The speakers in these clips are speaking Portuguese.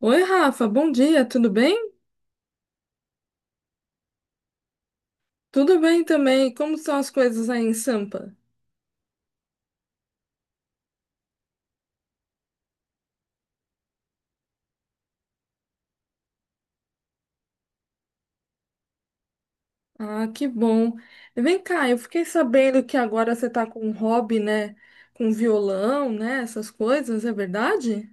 Oi, Rafa, bom dia, tudo bem? Tudo bem também. Como estão as coisas aí em Sampa? Ah, que bom. Vem cá, eu fiquei sabendo que agora você tá com um hobby, né? Com violão, né? Essas coisas, é verdade?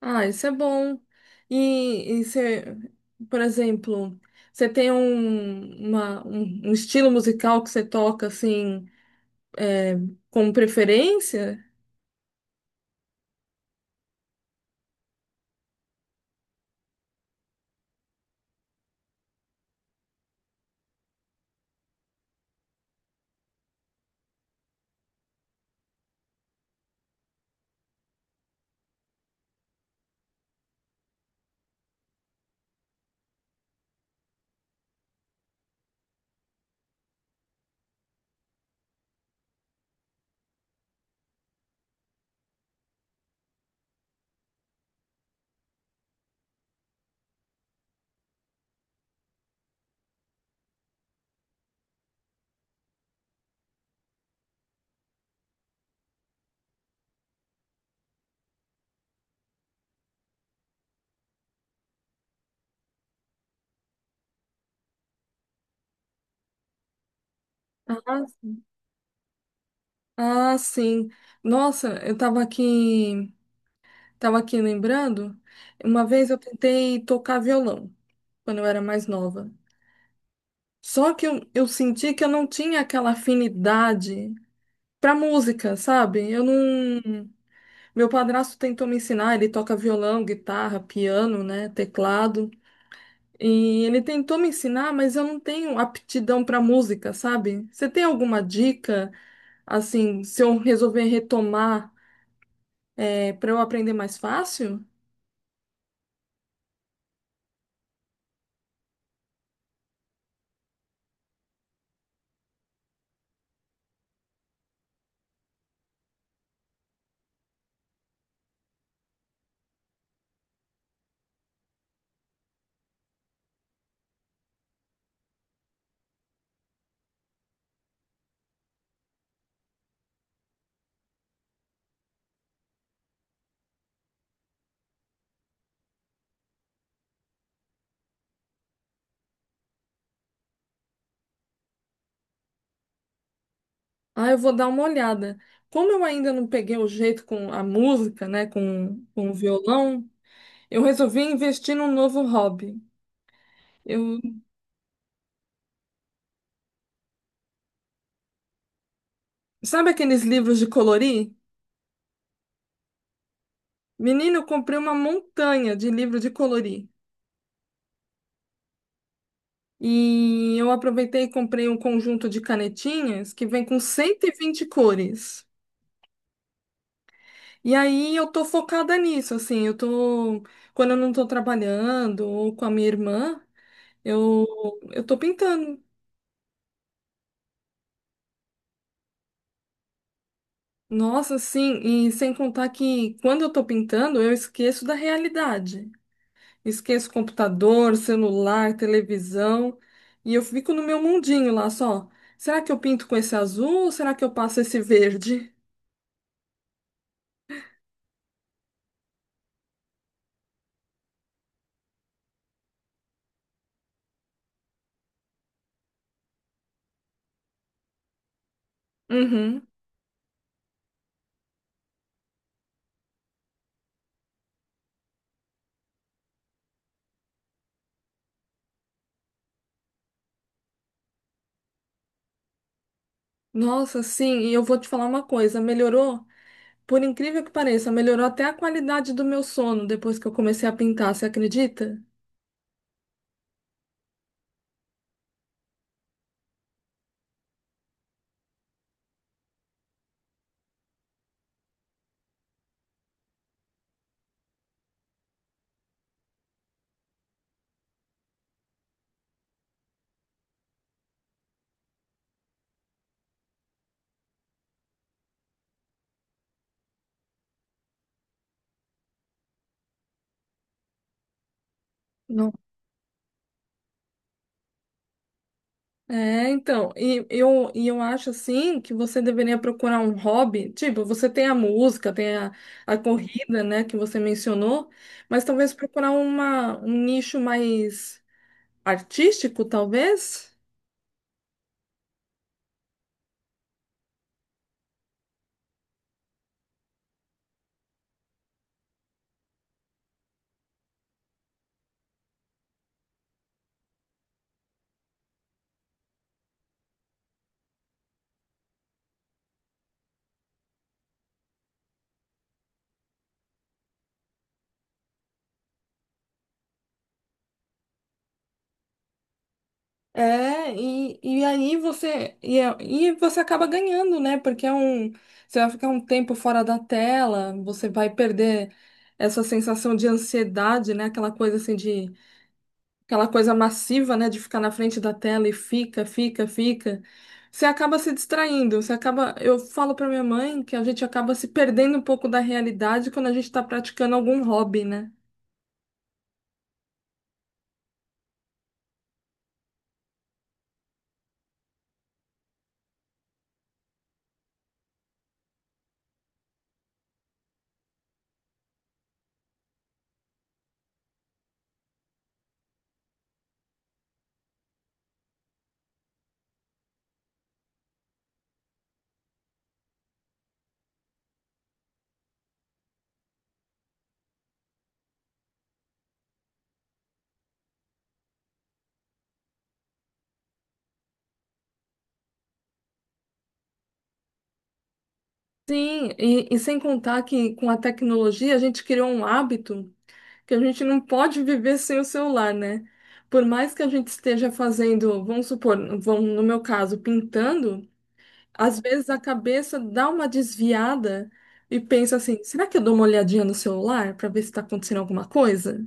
Ah, isso é bom. E você, por exemplo, você tem um estilo musical que você toca assim, com preferência? Ah, ah, sim. Nossa, eu tava aqui. Estava aqui lembrando, uma vez eu tentei tocar violão, quando eu era mais nova. Só que eu senti que eu não tinha aquela afinidade pra música, sabe? Eu não. Meu padrasto tentou me ensinar, ele toca violão, guitarra, piano, né, teclado. E ele tentou me ensinar, mas eu não tenho aptidão pra música, sabe? Você tem alguma dica, assim, se eu resolver retomar, para eu aprender mais fácil? Ah, eu vou dar uma olhada. Como eu ainda não peguei o jeito com a música, né, com o violão, eu resolvi investir num novo hobby. Eu, sabe aqueles livros de colorir? Menino, eu comprei uma montanha de livro de colorir. E eu aproveitei e comprei um conjunto de canetinhas que vem com 120 cores. E aí eu tô focada nisso, assim, eu tô, quando eu não tô trabalhando ou com a minha irmã, eu, eu tô pintando. Nossa, sim, e sem contar que quando eu tô pintando, eu esqueço da realidade. Esqueço computador, celular, televisão, e eu fico no meu mundinho lá só. Será que eu pinto com esse azul ou será que eu passo esse verde? Uhum. Nossa, sim, e eu vou te falar uma coisa, melhorou, por incrível que pareça, melhorou até a qualidade do meu sono depois que eu comecei a pintar, você acredita? É, então, e eu acho assim que você deveria procurar um hobby, tipo, você tem a música, tem a corrida, né, que você mencionou, mas talvez procurar um nicho mais artístico, talvez. É, e aí você acaba ganhando, né? Porque é um, você vai ficar um tempo fora da tela, você vai perder essa sensação de ansiedade, né? Aquela coisa massiva, né, de ficar na frente da tela e fica, você acaba se distraindo, você acaba, eu falo para minha mãe que a gente acaba se perdendo um pouco da realidade quando a gente está praticando algum hobby, né? Sim, e sem contar que com a tecnologia a gente criou um hábito que a gente não pode viver sem o celular, né? Por mais que a gente esteja fazendo, vamos, no meu caso, pintando, às vezes a cabeça dá uma desviada e pensa assim: será que eu dou uma olhadinha no celular para ver se está acontecendo alguma coisa?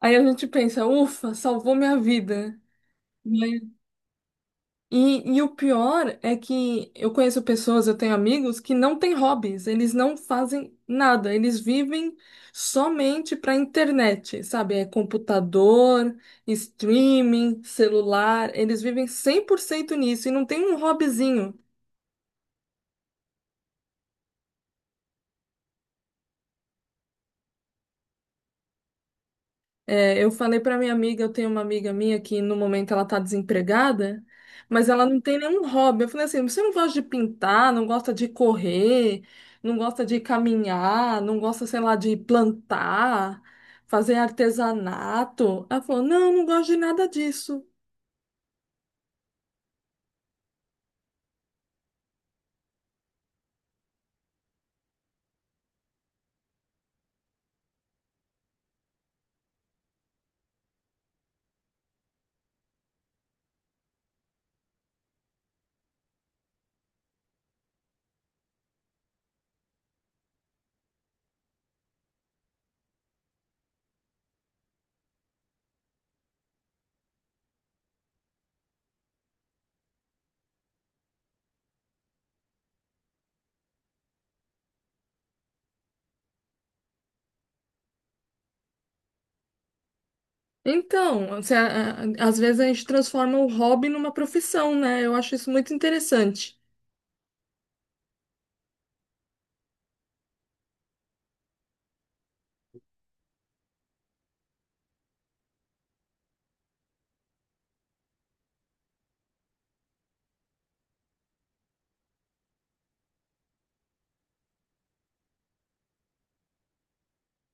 Aí a gente pensa: ufa, salvou minha vida, né? E o pior é que eu conheço pessoas, eu tenho amigos que não têm hobbies, eles não fazem nada, eles vivem somente para internet, sabe? É computador, streaming, celular, eles vivem 100% nisso e não tem um hobbyzinho. É, eu falei para minha amiga, eu tenho uma amiga minha que no momento ela tá desempregada, mas ela não tem nenhum hobby. Eu falei assim, você não gosta de pintar, não gosta de correr, não gosta de caminhar, não gosta, sei lá, de plantar, fazer artesanato. Ela falou, não, não gosto de nada disso. Então, às vezes a gente transforma o hobby numa profissão, né? Eu acho isso muito interessante.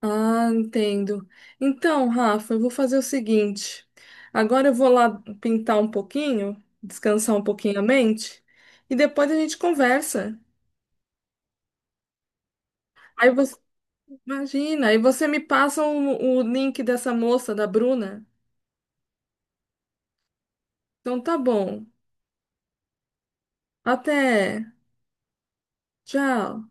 Ah, entendo. Então, Rafa, eu vou fazer o seguinte. Agora eu vou lá pintar um pouquinho, descansar um pouquinho a mente, e depois a gente conversa. Aí você, imagina, aí você me passa o link dessa moça, da Bruna. Então tá bom. Até. Tchau.